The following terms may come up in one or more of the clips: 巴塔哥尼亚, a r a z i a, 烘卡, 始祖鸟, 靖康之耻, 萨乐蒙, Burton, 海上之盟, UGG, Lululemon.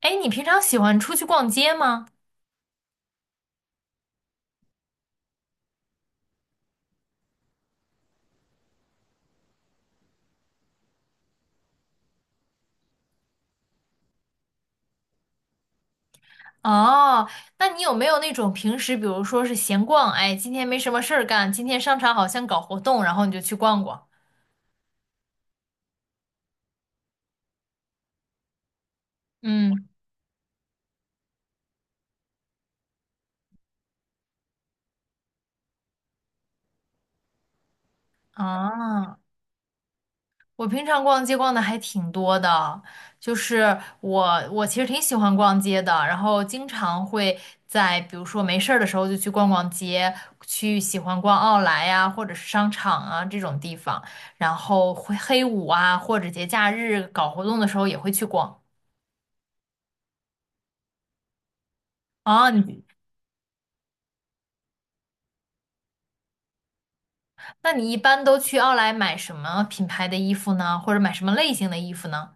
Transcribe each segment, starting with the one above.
哎，你平常喜欢出去逛街吗？哦，那你有没有那种平时，比如说是闲逛，哎，今天没什么事儿干，今天商场好像搞活动，然后你就去逛逛。嗯，啊，我平常逛街逛的还挺多的，就是我其实挺喜欢逛街的，然后经常会在比如说没事儿的时候就去逛逛街，去喜欢逛奥莱呀，或者是商场啊这种地方，然后会黑五啊，或者节假日搞活动的时候也会去逛。哦，你那你一般都去奥莱买什么品牌的衣服呢？或者买什么类型的衣服呢？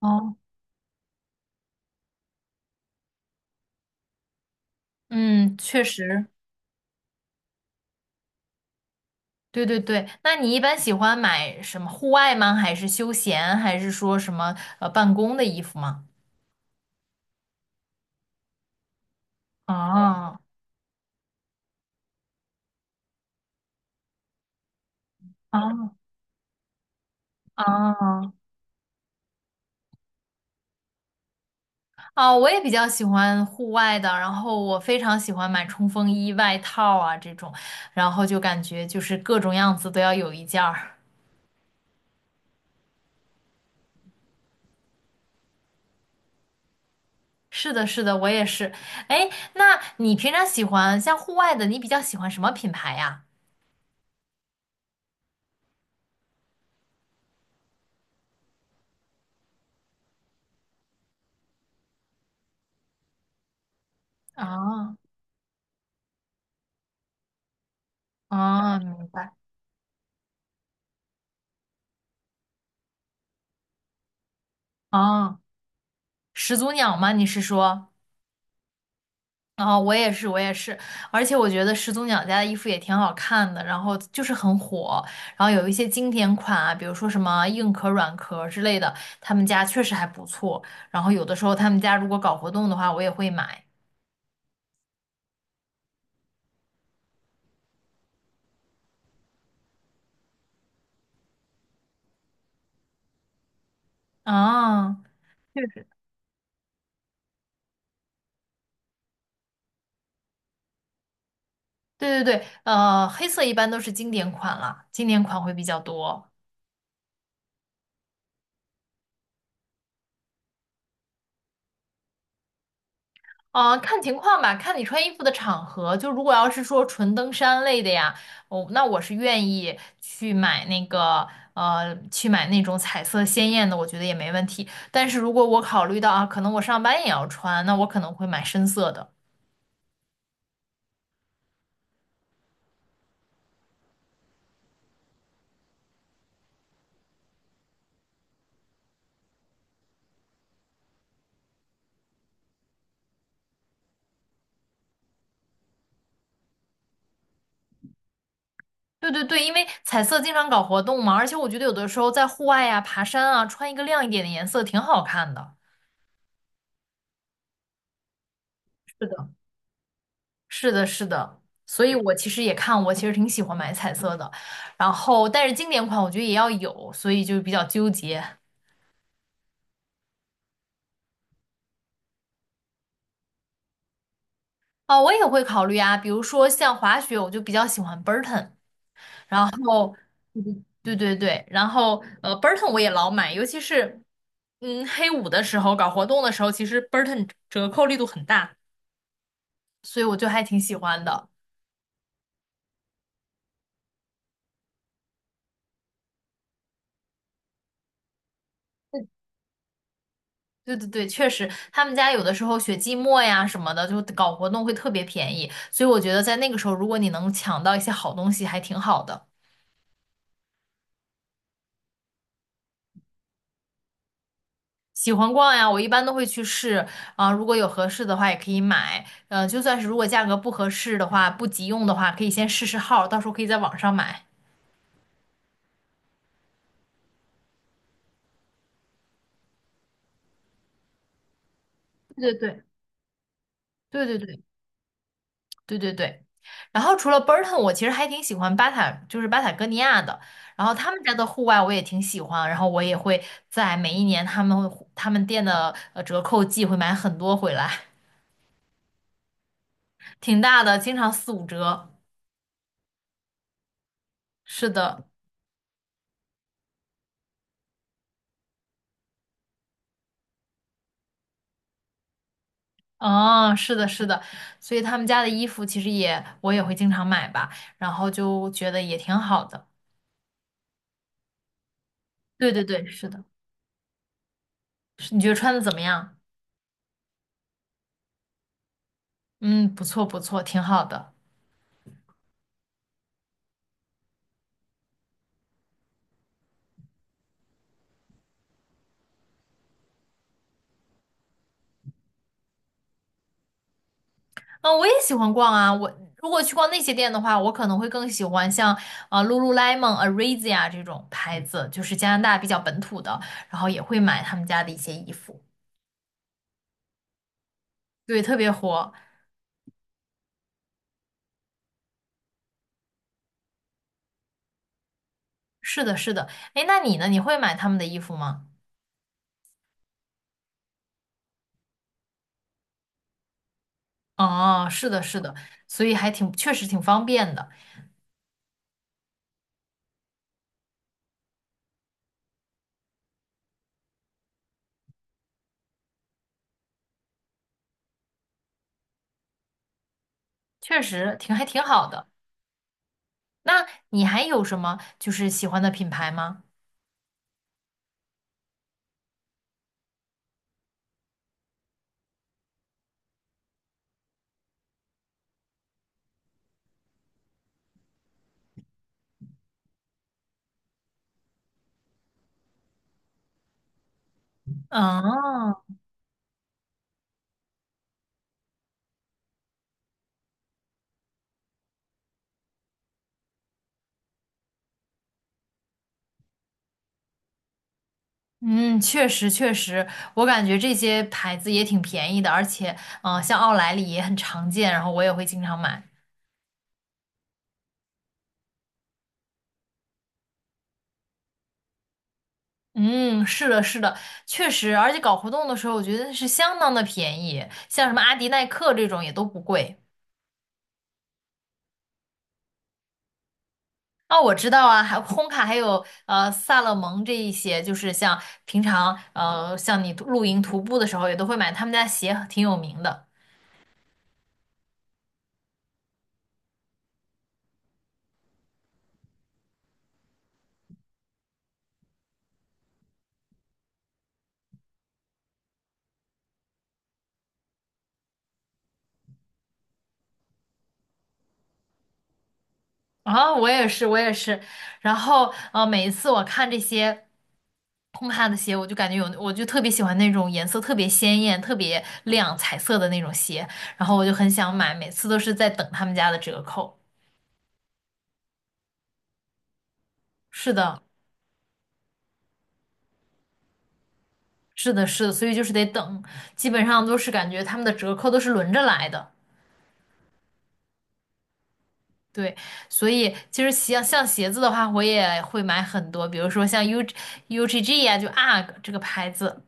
哦，嗯，确实，对对对。那你一般喜欢买什么户外吗？还是休闲？还是说什么办公的衣服吗？哦哦哦哦，我也比较喜欢户外的，然后我非常喜欢买冲锋衣、外套啊这种，然后就感觉就是各种样子都要有一件儿。是的，是的，我也是。哎，那你平常喜欢像户外的，你比较喜欢什么品牌呀？啊，啊，明白。啊，始祖鸟吗？你是说？啊，我也是，我也是。而且我觉得始祖鸟家的衣服也挺好看的，然后就是很火。然后有一些经典款啊，比如说什么硬壳、软壳之类的，他们家确实还不错。然后有的时候他们家如果搞活动的话，我也会买。啊。确实。对对对，黑色一般都是经典款了，经典款会比较多。啊，看情况吧，看你穿衣服的场合。就如果要是说纯登山类的呀，哦，那我是愿意去买那种彩色鲜艳的，我觉得也没问题。但是如果我考虑到啊，可能我上班也要穿，那我可能会买深色的。对对对，因为彩色经常搞活动嘛，而且我觉得有的时候在户外呀、爬山啊，穿一个亮一点的颜色挺好看的。是的。是的，是的，所以我其实也看，我其实挺喜欢买彩色的，然后但是经典款我觉得也要有，所以就比较纠结。啊。我也会考虑啊，比如说像滑雪，我就比较喜欢 Burton，然后，嗯对对对，然后Burton 我也老买，尤其是黑五的时候搞活动的时候，其实 Burton 折扣力度很大，所以我就还挺喜欢的。对对对，确实，他们家有的时候雪季末呀什么的，就搞活动会特别便宜，所以我觉得在那个时候，如果你能抢到一些好东西，还挺好的。喜欢逛呀，我一般都会去试啊，如果有合适的话也可以买，就算是如果价格不合适的话，不急用的话，可以先试试号，到时候可以在网上买。对对对对对对。对对对。然后除了 Burton，我其实还挺喜欢巴塔，就是巴塔哥尼亚的。然后他们家的户外我也挺喜欢，然后我也会在每一年他们店的折扣季会买很多回来，挺大的，经常四五折。是的，嗯，是的，是的，所以他们家的衣服其实也我也会经常买吧，然后就觉得也挺好的。对对对，是的，是你觉得穿的怎么样？嗯，不错不错，挺好的。嗯，我也喜欢逛啊。我如果去逛那些店的话，我可能会更喜欢像Lululemon、a r a z i a 这种牌子，就是加拿大比较本土的，然后也会买他们家的一些衣服。对，特别火。是的，是的。哎，那你呢？你会买他们的衣服吗？哦，是的，是的。所以确实挺方便的，确实还挺好的。那你还有什么就是喜欢的品牌吗？哦，嗯，确实确实，我感觉这些牌子也挺便宜的，而且，像奥莱里也很常见，然后我也会经常买。嗯，是的，是的，确实，而且搞活动的时候，我觉得是相当的便宜，像什么阿迪、耐克这种也都不贵。哦，我知道啊，还烘卡，还有萨乐蒙这一些，就是像平常像你露营徒步的时候，也都会买他们家鞋，挺有名的。啊，我也是，我也是。然后，每一次我看这些烘咖的鞋，我就感觉有，我就特别喜欢那种颜色特别鲜艳、特别亮、彩色的那种鞋，然后我就很想买，每次都是在等他们家的折扣。是的，是的，是的，所以就是得等，基本上都是感觉他们的折扣都是轮着来的。对，所以其实像鞋子的话，我也会买很多，比如说像 UGG 呀、就 UGG 啊这个牌子。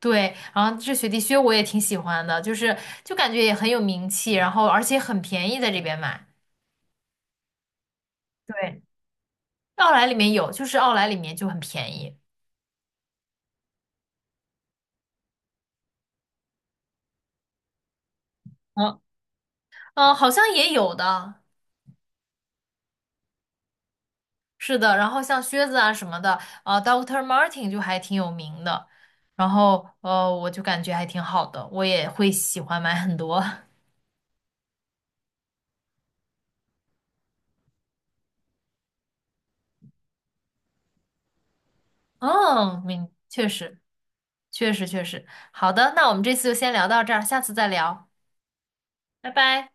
对，然后这雪地靴我也挺喜欢的，就是就感觉也很有名气，然后而且很便宜，在这边买。对，奥莱里面有，就是奥莱里面就很便宜。嗯嗯，好像也有的，是的。然后像靴子啊什么的，Dr. o o c t Martin 就还挺有名的，然后我就感觉还挺好的，我也会喜欢买很多。嗯，确实，确实，确实。好的，那我们这次就先聊到这儿，下次再聊，拜拜。